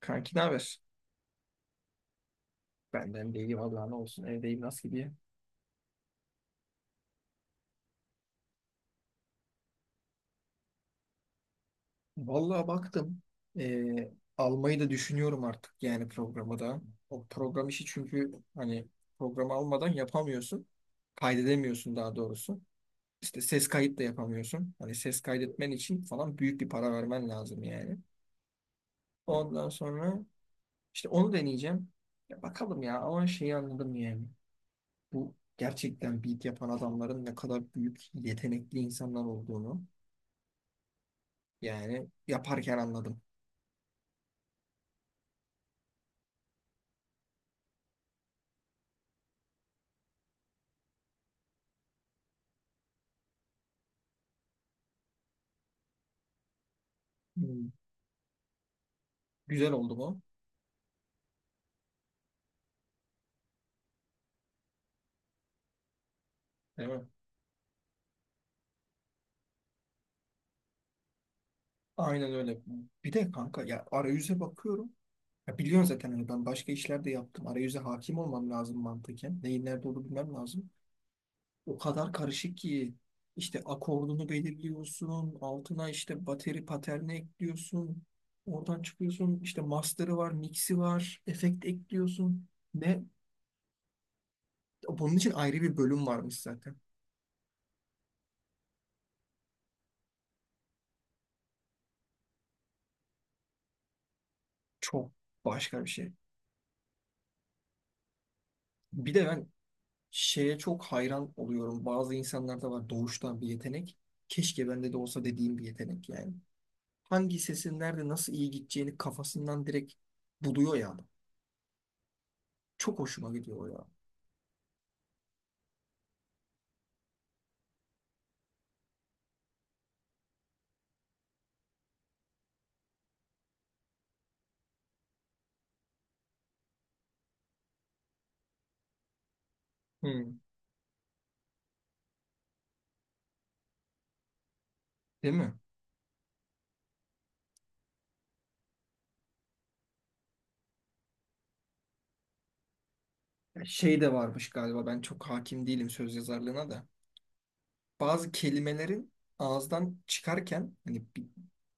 Kanki ne haber? Benden de iyi vallahi, ne olsun, evdeyim. Nasıl gidiyor? Vallahi baktım, almayı da düşünüyorum artık, yani programı da. O program işi, çünkü hani programı almadan yapamıyorsun. Kaydedemiyorsun daha doğrusu. İşte ses kayıt da yapamıyorsun. Hani ses kaydetmen için falan büyük bir para vermen lazım yani. Ondan sonra işte onu deneyeceğim. Ya bakalım ya, ama şeyi anladım yani. Bu gerçekten beat yapan adamların ne kadar büyük yetenekli insanlar olduğunu. Yani yaparken anladım. Hmm. Güzel oldu bu. Değil mi? Aynen öyle. Bir de kanka, ya arayüze bakıyorum. Ya biliyorsun zaten, hani ben başka işler de yaptım. Arayüze hakim olmam lazım mantıken. Neyin nerede olduğunu bilmem lazım. O kadar karışık ki, işte akordunu belirliyorsun. Altına işte bateri paterni ekliyorsun. Oradan çıkıyorsun. İşte master'ı var, mix'i var. Efekt ekliyorsun. Ne? Bunun için ayrı bir bölüm varmış zaten. Çok başka bir şey. Bir de ben şeye çok hayran oluyorum. Bazı insanlarda var doğuştan bir yetenek. Keşke bende de olsa dediğim bir yetenek yani. Hangi sesin nerede nasıl iyi gideceğini kafasından direkt buluyor ya adam. Çok hoşuma gidiyor o ya. Hmm. Değil mi? Ya şey de varmış galiba, ben çok hakim değilim söz yazarlığına da. Bazı kelimelerin ağızdan çıkarken hani bir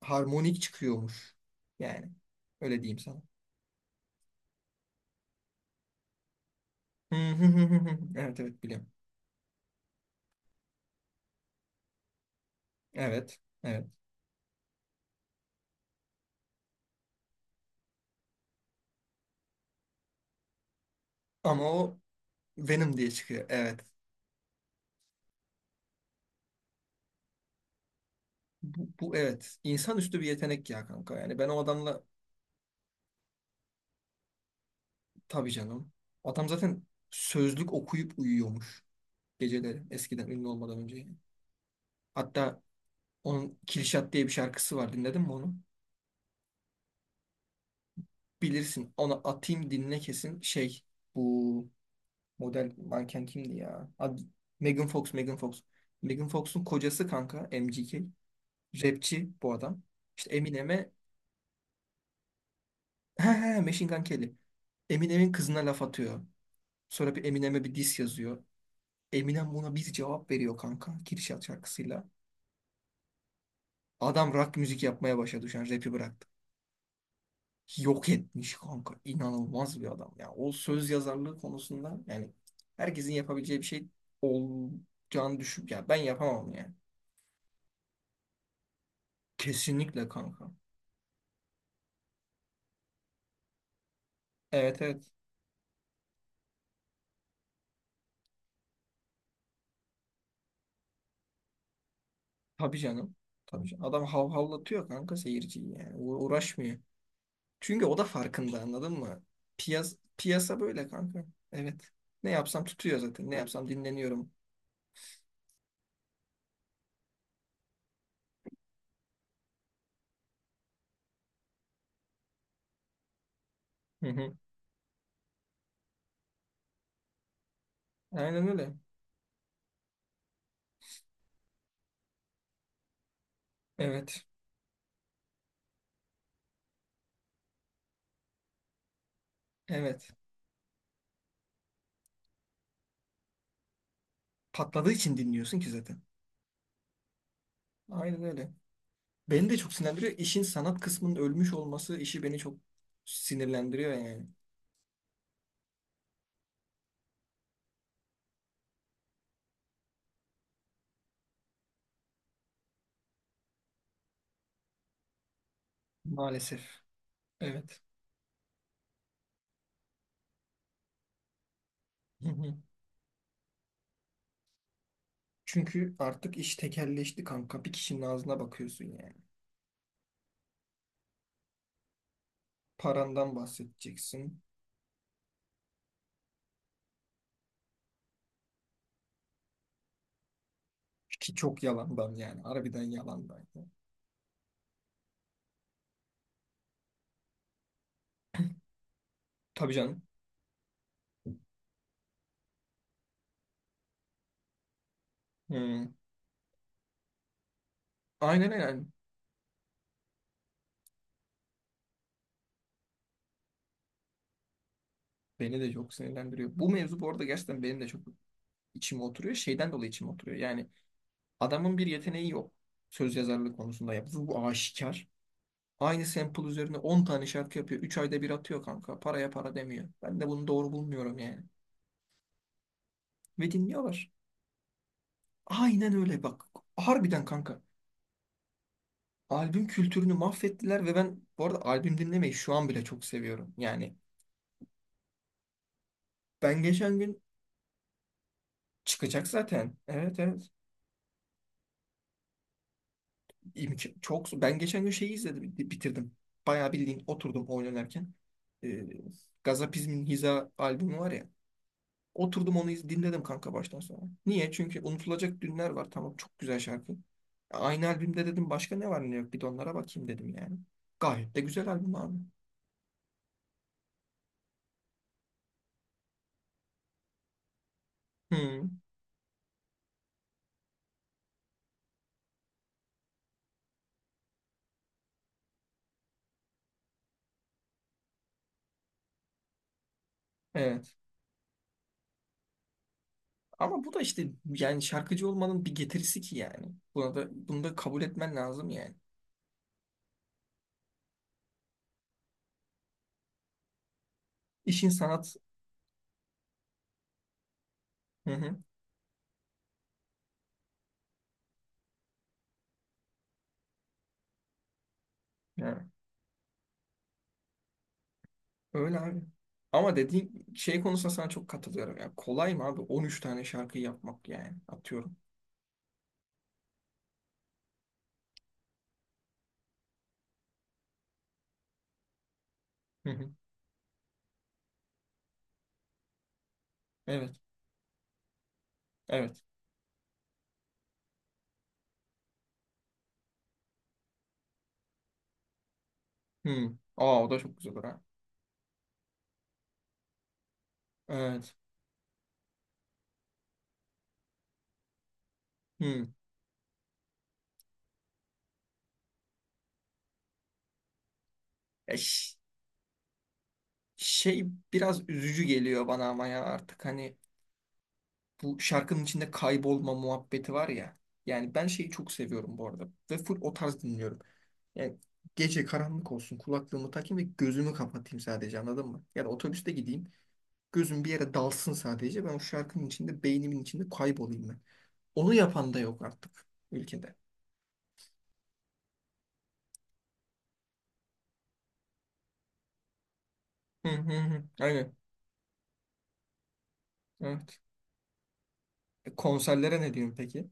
harmonik çıkıyormuş. Yani öyle diyeyim sana. Hı hı hı hı hı. Evet, evet, biliyorum. Evet, evet. Ama o Venom diye çıkıyor. Evet. Bu, bu, evet. İnsanüstü bir yetenek ya kanka. Yani ben o adamla, tabii canım. Adam zaten sözlük okuyup uyuyormuş geceleri, eskiden ünlü olmadan önce, yani. Hatta onun Killshot diye bir şarkısı var. Dinledin mi onu? Bilirsin. Ona atayım, dinle kesin. Şey, bu model manken kimdi ya? Ad, Megan Fox, Megan Fox. Megan Fox'un kocası kanka MGK. Rapçi bu adam. İşte Eminem'e… He he, Machine Gun Kelly. Eminem'in kızına laf atıyor. Sonra bir Eminem'e bir diss yazıyor. Eminem buna bir cevap veriyor kanka, Kürşat şarkısıyla. Adam rock müzik yapmaya başladı şu an, rap'i bıraktı. Yok etmiş kanka. İnanılmaz bir adam. Ya o söz yazarlığı konusunda yani herkesin yapabileceği bir şey olacağını düşün. Ya ben yapamam yani. Kesinlikle kanka. Evet, evet. Tabii canım. Tabii canım. Adam havhallatıyor kanka seyirciyi yani. Uğraşmıyor. Çünkü o da farkında, anladın mı? Piyasa böyle kanka. Evet. Ne yapsam tutuyor zaten. Ne yapsam dinleniyorum. Hı hı. Aynen öyle. Evet. Evet. Patladığı için dinliyorsun ki zaten. Aynen öyle. Beni de çok sinirlendiriyor. İşin sanat kısmının ölmüş olması işi beni çok sinirlendiriyor yani. Maalesef. Evet. Hı hı. Çünkü artık iş tekelleşti kanka. Bir kişinin ağzına bakıyorsun yani. Parandan bahsedeceksin. Ki çok yalandan yani. Harbiden yalandan. Tabii canım. Hı. Aynen öyle. Yani beni de çok sinirlendiriyor. Bu mevzu bu arada gerçekten benim de çok içime oturuyor. Şeyden dolayı içime oturuyor. Yani adamın bir yeteneği yok. Söz yazarlığı konusunda yaptığı bu aşikar. Aynı sample üzerine 10 tane şarkı yapıyor. Üç ayda bir atıyor kanka. Paraya para demiyor. Ben de bunu doğru bulmuyorum yani. Ve dinliyorlar. Aynen öyle, bak. Harbiden kanka. Albüm kültürünü mahvettiler ve ben bu arada albüm dinlemeyi şu an bile çok seviyorum. Yani ben geçen gün çıkacak zaten. Evet, evet. Çok, ben geçen gün şeyi izledim, bitirdim. Bayağı bildiğin oturdum oyun oynarken. Ee, Gazapizm'in Hiza albümü var ya. Oturdum onu dinledim kanka baştan sona. Niye? Çünkü unutulacak dünler var. Tamam, çok güzel şarkı. Aynı albümde dedim başka ne var ne yok. Bir de onlara bakayım dedim yani. Gayet de güzel albüm abi. Hı, evet. Ama bu da işte yani şarkıcı olmanın bir getirisi ki yani. Bunu da kabul etmen lazım yani. İşin sanat. Hı hı. Yani öyle abi. Ama dediğin şey konusunda sana çok katılıyorum. Ya kolay mı abi 13 tane şarkı yapmak, yani atıyorum. Hı hı. Evet. Evet. Hı. Aa, o da çok güzel olur ha. Evet. Hmm. Ya şey, biraz üzücü geliyor bana, ama ya artık hani bu şarkının içinde kaybolma muhabbeti var ya. Yani ben şeyi çok seviyorum bu arada ve full o tarz dinliyorum. Yani gece karanlık olsun, kulaklığımı takayım ve gözümü kapatayım sadece, anladın mı? Ya da otobüste gideyim, gözüm bir yere dalsın, sadece ben o şarkının içinde, beynimin içinde kaybolayım ben. Onu yapan da yok artık ülkede. Hı hı hı. Aynen. Evet. E, konserlere ne diyorsun peki?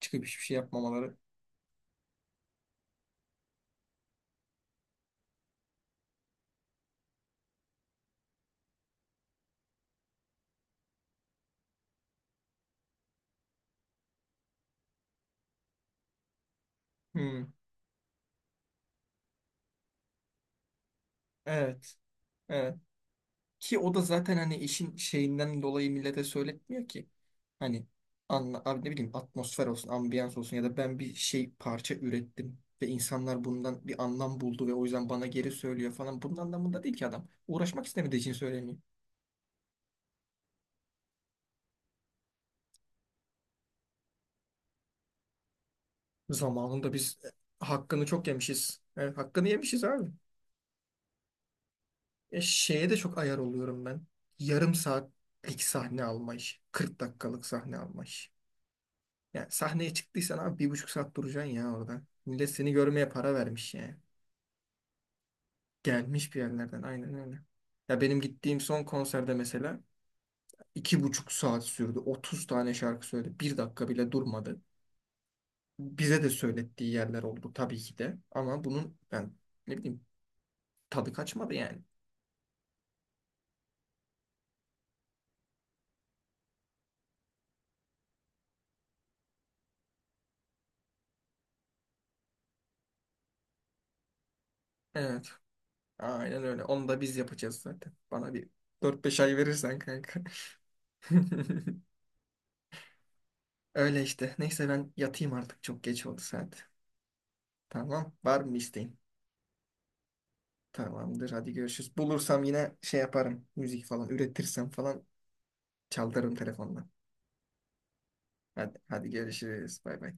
Çıkıp hiçbir şey yapmamaları. Hı. Evet. Evet. Ki o da zaten hani işin şeyinden dolayı millete söyletmiyor ki. Hani abi ne bileyim, atmosfer olsun, ambiyans olsun, ya da ben bir şey, parça ürettim ve insanlar bundan bir anlam buldu ve o yüzden bana geri söylüyor falan. Bunun anlamında değil ki adam. Uğraşmak istemediği için söylemiyor. Zamanında biz, e, hakkını çok yemişiz. Evet, hakkını yemişiz abi. E, şeye de çok ayar oluyorum ben. Yarım saatlik sahne alma işi. 40 dakikalık sahne alma işi. Yani sahneye çıktıysan abi bir buçuk saat duracaksın ya orada. Millet seni görmeye para vermiş yani. Gelmiş bir yerlerden, aynen öyle. Ya benim gittiğim son konserde mesela iki buçuk saat sürdü. 30 tane şarkı söyledi. Bir dakika bile durmadı. Bize de söylettiği yerler oldu tabii ki de. Ama bunun ben ne bileyim, tadı kaçmadı yani. Evet. Aynen öyle. Onu da biz yapacağız zaten. Bana bir dört beş ay verirsen kanka. Öyle işte. Neyse, ben yatayım artık. Çok geç oldu saat. Tamam. Var mı isteğin? Tamamdır. Hadi görüşürüz. Bulursam yine şey yaparım. Müzik falan üretirsem falan çaldırırım telefondan. Hadi, hadi görüşürüz. Bay bay.